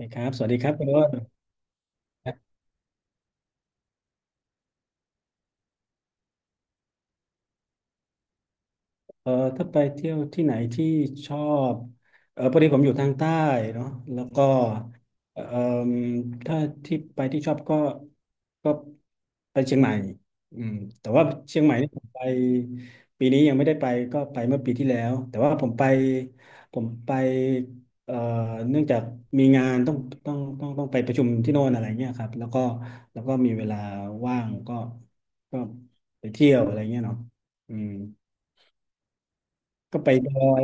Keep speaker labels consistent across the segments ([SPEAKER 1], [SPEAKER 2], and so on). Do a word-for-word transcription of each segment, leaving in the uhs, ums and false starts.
[SPEAKER 1] นะครับสวัสดีครับคุณโอ้น เออถ้าไปเที่ยวที่ไหนที่ชอบเออพอดีผมอยู่ทางใต้เนาะแล้วก็เออถ้าที่ไปที่ชอบก็ก็ไปเชียงใหม่อืมแต่ว่าเชียงใหม่นี่ผมไปปีนี้ยังไม่ได้ไปก็ไปเมื่อปีที่แล้วแต่ว่าผมไปผมไปเอ่อเนื่องจากมีงานต้องต้องต้องต้องไปประชุมที่โน่นอะไรเงี้ยครับแล้วก็แล้วก็มีเวลาว่างก็ก็ไปเที่ยวอะไรเงี้ยเนาะอืม ก็ไปดอย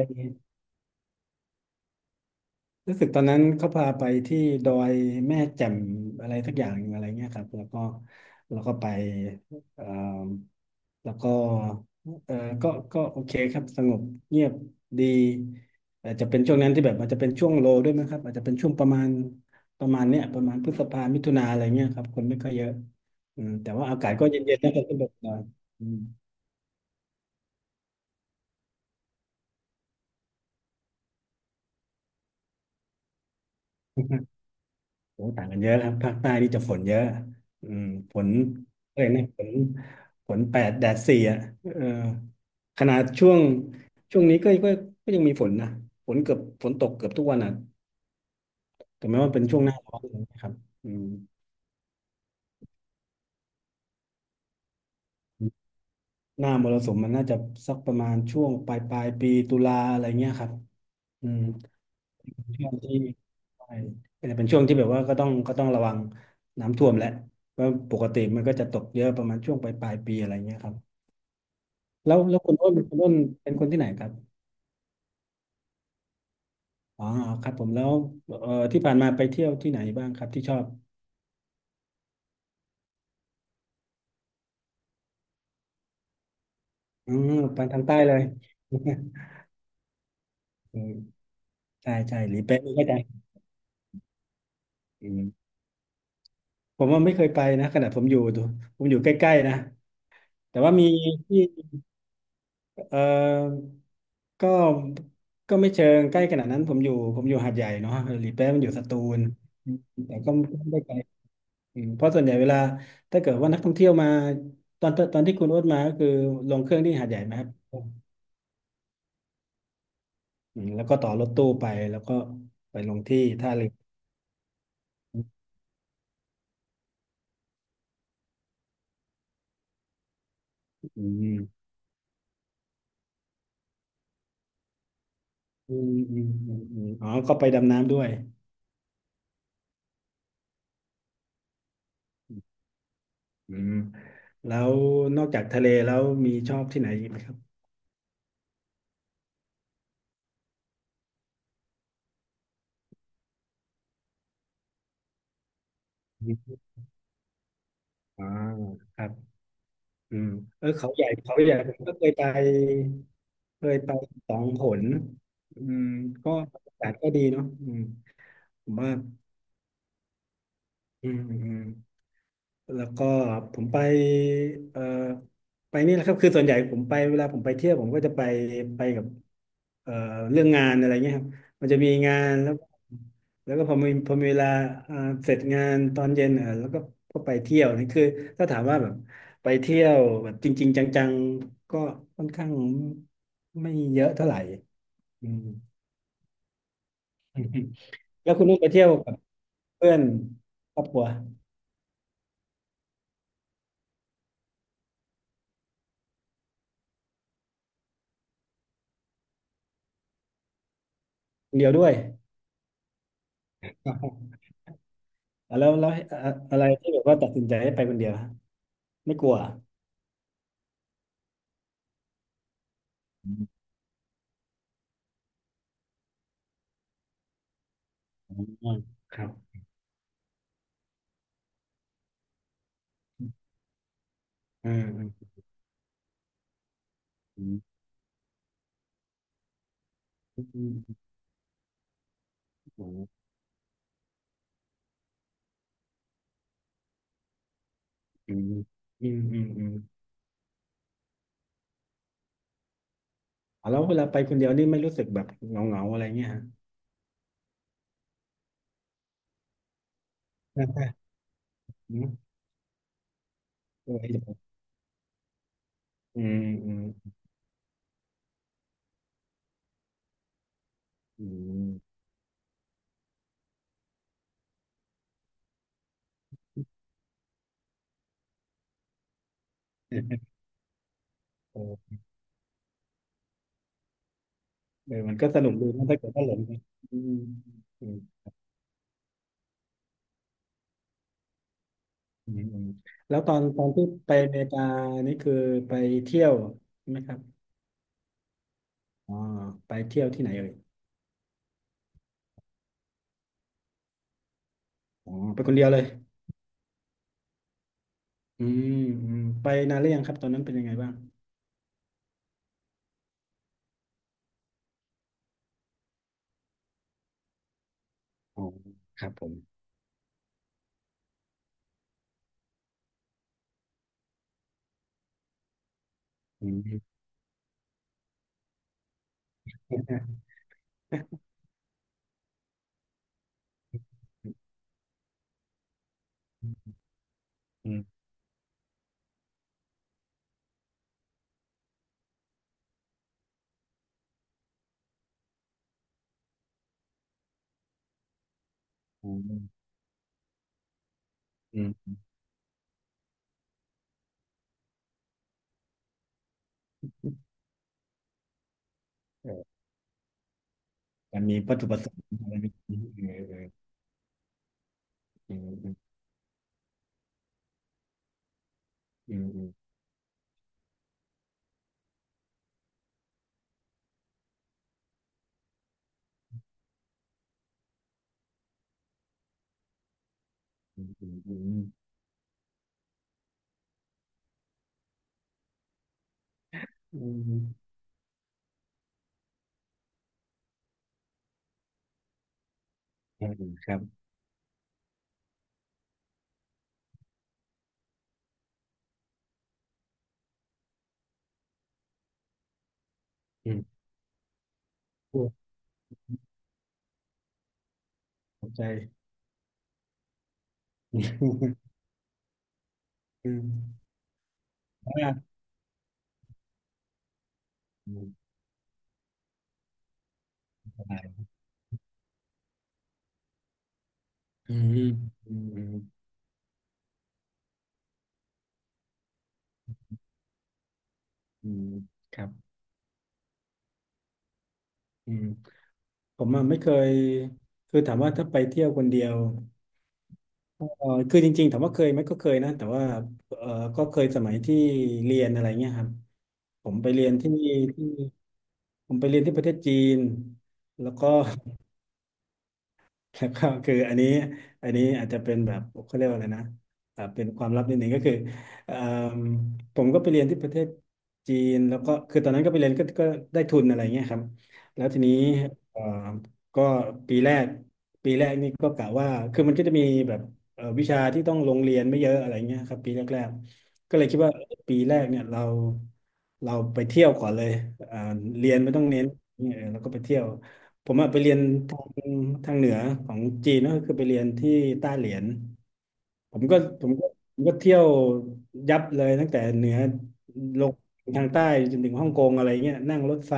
[SPEAKER 1] รู้สึกตอนนั้นเขาพาไปที่ดอยแม่แจ่มอะไรสักอย่างหนึ่งอะไรเงี้ยครับแล้วก็แล้วก็ไปเอ่อแล้วก็เออก็ก็โอเคครับสงบเงียบดีอาจจะเป็นช่วงนั้นที่แบบอาจจะเป็นช่วงโลด้วยมั้งครับอาจจะเป็นช่วงประมาณประมาณเนี้ยประมาณพฤษภามิถุนาอะไรเงี้ยครับคนไม่ค่อยเยอะอืมแต่ว่าอากาศก็เย็นๆนะครับสนุกหน่อยอืม โอ้ต่างกันเยอะครับภาคใต้นี่จะฝนเยอะอืมฝนเลยนะฝนฝนแปดแดดสี่อ่ะเออขนาดช่วงช่วงนี้ก็ก็ก็ยังมีฝนนะฝนเกือบฝนตกเกือบทุกวันอ่ะแต่แม้ว่าเป็นช่วงหน้าร้อนนะครับอืมหน้ามรสุมมันน่าจะสักประมาณช่วงปลายปลายปีตุลาอะไรเงี้ยครับอืมช่วงที่ใช่เป็นช่วงที่แบบว่าก็ต้องก็ต้องระวังน้ำท่วมแหละว่าะปกติมันก็จะตกเยอะประมาณช่วงปลายปลายปีอะไรเงี้ยครับ แล้วแล้วคุณอ้นคุณอ้นเป็นคนที่ไหนครับอ๋อครับผมแล้วเอ่อที่ผ่านมาไปเที่ยวที่ไหนบ้างครับที่ชอบอืมไปทางใต้เลย อืมใช่ใช่หลีเป๊ะนี่ได้าใจอืมผมว่าไม่เคยไปนะขนาดผมอยู่ดูผมอยู่ใกล้ๆนะแต่ว่ามีที่เออก็ก็ไม่เชิงใกล้ขนาดนั้นผมอยู่ผมอยู่หาดใหญ่เนาะหลีเป๊ะมันอยู่สตูลแต่ก็ไม่ได้ไกล อืมเพราะส่วนใหญ่เวลาถ้าเกิดว่านักท่องเที่ยวมาตอนตอนที่คุณโอ๊ตมาก็คือลงเครื่องที่หาดใหญ่ไหมครับอืมแล้วก็ต่อรถตู้ไปแล้วก็ไปลงที่ท่าเรืออืมอืมอืมอืมอืมอ๋อก็ไปดำน้ำด้วยอืมแล้วนอกจากทะเลแล้วมีชอบที่ไหนอีกไหมครับอมอ่าครับอืมเออเขาใหญ่เขาใหญ่ผมก็เคยไปเคยไปสองหนอืมก็อากาศก็ดีเนาะอืมผมว่าอืมอืม แล้วก็ผมไปเอ่อไปนี่แหละครับคือส่วนใหญ่ผมไปเวลาผมไปเที่ยวผมก็จะไปไปกับเอ่อเรื่องงานอะไรเงี้ยครับมันจะมีงานแล้วแล้วก็พอมีพอมีเวลาอ่าเสร็จงานตอนเย็นอ่ะแล้วก็ก็ไปเที่ยวนี่คือถ้าถามว่าแบบไปเที่ยวแบบจริงๆจังๆก็ค่อนข้างไม่เยอะเท่าไหร่อืม แล้วคุณนุ่นไปเที่ยวกับเพื่อนครอบครัวคนเดียวด้วย อ่ะแล้วแล้วอะอะไรที่แบบว่าตัดสินใจให้ไปคนเดียวฮะไม่กลัวอ่ะอืมอืมครับอืมอืมอืมอืมอืมอืมอืมอืมอ่ะแล้วเวลาไปคนเดียวนี่ไม่รู้สึกแบบเหงาๆอะไรเงี้ยฮะใช่ใช่อืมเอออืมอืมอืมเออเออมันก็สนุกดีนะถ้าเกิดว่าหลงไปอืมอืมอืมอืมแล้วตอนตอนที่ไปอเมริกานี่คือไปเที่ยวใช่ไหมครับอ๋อไปเที่ยวที่ไหนเอ่ยอ๋อไปคนเดียวเลย อืมอืมไปนานหรือยังครับตอนนั้นเป็นยังไงบ้างอ๋อครับผมอืมอืมอืมอืมเออมันมีวัตถุประสงค์อะไรไหมเออเอออืมอืมอืมอืมอืมอืมอืมเออครับอืมโอ้ขอบใจอืมอมอ่าอืมได้อืมอืมอืมอืมครับอืมผมอะไม่เคยคือถามว่าถ้าไปเที่ยวคนเดียว เออคือจริงๆ ถามว่าเคยไหมก็เคยนะ แต่ว่าเออก็เคยสมัยที่เรียนอะไรเงี้ยครับ ผมไปเรียนที่ที่ผมไปเรียนที่ประเทศจีน แล้วก็ แล้วก็คืออันนี้อันนี้อาจจะเป็นแบบเขาเรียกว่าอะไรนะอ่าเป็นความลับนิดหนึ่งก็คือเอ่มผมก็ไปเรียนที่ประเทศจีนแล้วก็คือตอนนั้นก็ไปเรียนก็ก็ได้ทุนอะไรเงี้ยครับแล้วทีนี้เอ่อก็ปีแรกปีแรกนี่ก็กะว่าคือมันก็จะมีแบบเอ่อวิชาที่ต้องลงเรียนไม่เยอะอะไรเงี้ยครับปีแรกๆก็เลยคิดว่าเอ้ยปีแรกเนี่ยเราเราไปเที่ยวก่อนเลยอ่าเรียนไม่ต้องเน้นเออแล้วก็ไปเที่ยวผมอะไปเรียน อืมทางเหนือของจีนก็คือไปเรียนที่ต้าเหลียน ผมก็ผมก็ผมก็เที่ยวยับเลยตั้งแต่เหนือลงทางใต้จนถึงฮ่องกงอะไรเงี้ยนั่งรถไฟ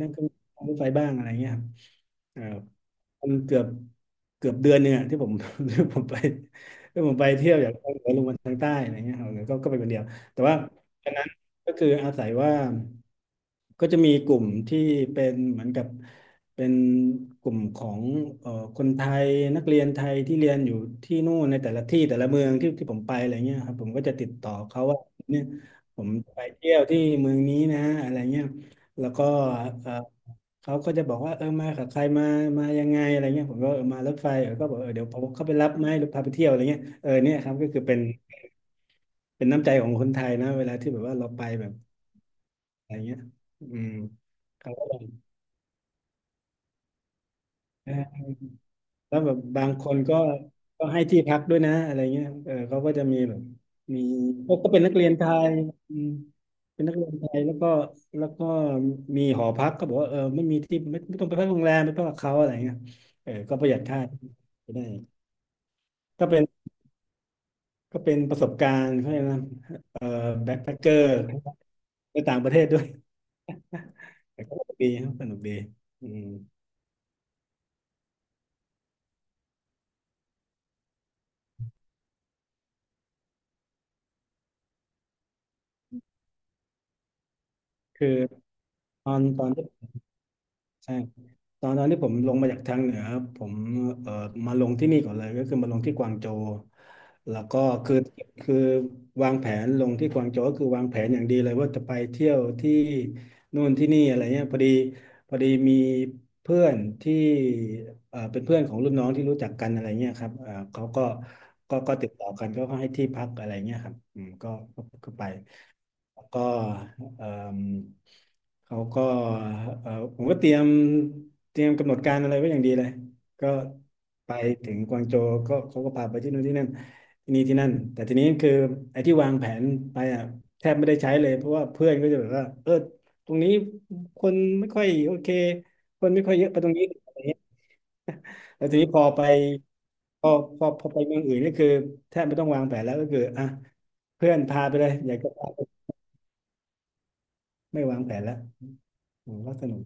[SPEAKER 1] นั่งเครื่องนั่งรถไฟบ้างอะไรเงี้ยครับ มันเกือบเกือบเดือนเนี่ยที่ผม ที่ผมไปที่ผมไปเที่ยวอย่างภาคเหนือลงมาทางใต้อะไรเงี้ยครับก็ก็ไปคนเดียวแต่ว่าตอนนั้นก็คืออาศัยว่าก็จะมีกลุ่มที่เป็นเหมือนกับเป็นกลุ่มของเอ่อคนไทยนักเรียนไทยที่เรียนอยู่ที่นู่นในแต่ละที่แต่ละเมืองที่ที่ผมไปอะไรเงี้ยครับผมก็จะติดต่อเขาว่าเนี่ยผมไปเที่ยวที่เมืองนี้นะอะไรเงี้ยแล้วก็ เขาก็จะบอกว่าเออมากับใครมามายังไงอะไรเงี้ยผมก็เออมารถไฟเออก็บอกเออเดี๋ยวผมเข้าไปรับไหมหรือพาไปเที่ยวอะไรเงี้ยเออเนี่ยครับก็คือเป็นเป็นน้ำใจของคนไทยนะเวลาที่แบบว่าเราไปแบบอะไรเงี้ยอืมเขาก็แบบเออ แล้วแบบบางคนก็ก็ให้ที่พักด้วยนะอะไรเงี้ยเออเขาก็จะมีแบบมีก็ก็เป็นนักเรียนไทยอืมเป็นนักเรียนไทยแล้วก็แล้วก็มีหอพักก็บอกว่าเออไม่มีที่ไม่ไม่ต้องไปพักโรงแรมไปพักกับเขาอะไรเงี้ยเออก็ประหยัดค่าไปได้ก็เป็น ก็เป็นประสบการณ์เขาเรียกนะเอ่อแบ็คแพคเกอร์ไปต่างประเทศด้วย แต่ก็สนุกดีครับสนุกดีอืมคือตอนตอนที่ ใช่ตอนนั้นที่ผมลงมาจากทางเหนือครับผมเอ่อมาลงที่นี่ก่อนเลยก็คือมาลงที่กวางโจวแล้วก็คือคือวางแผนลงที่กวางโจวก็คือวางแผนอย่างดีเลยว่าจะไปเที่ยวที่นู่นที่นี่อะไรเงี้ยพอดีพอดีมีเพื่อนที่เอ่อเป็นเพื่อนของรุ่นน้องที่รู้จักกันอะไรเงี้ยครับเอ่อเขาก็ก็ก็ติดต่อกันก็ให้ที่พักอะไรเงี้ยครับอืมก็ก็ก็ไป ก็เอิ่มเขาก็เอ่อผมก็เตรียมเตรียมกำหนดการอะไรไว้อย่างดีเลยก็ไปถึงกวางโจวก็เขาก็พาไปที่นู่นที่นั่นที่นี่ที่นั่นแต่ทีนี้คือไอ้ที่วางแผนไปอ่ะแทบไม่ได้ใช้เลยเพราะว่าเพื่อนก็จะแบบว่าเออตรงนี้คนไม่ค่อยโอเคคนไม่ค่อยเยอะไปตรงนี้อะไรเงี้ยแล้วทีนี้พอไปพอพอพอไปเมืองอื่นนี่คือแทบไม่ต้องวางแผนแล้วก็คืออ่ะเพื่อนพาไปเลยอยากจะพาไปไม่วางแผนแล้ว อืมก็สนุก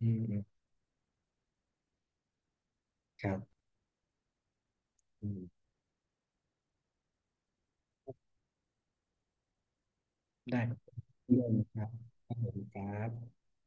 [SPEAKER 1] อืมอืมครับอืมได้ครับเรื่องนะครับขอบคุณครับ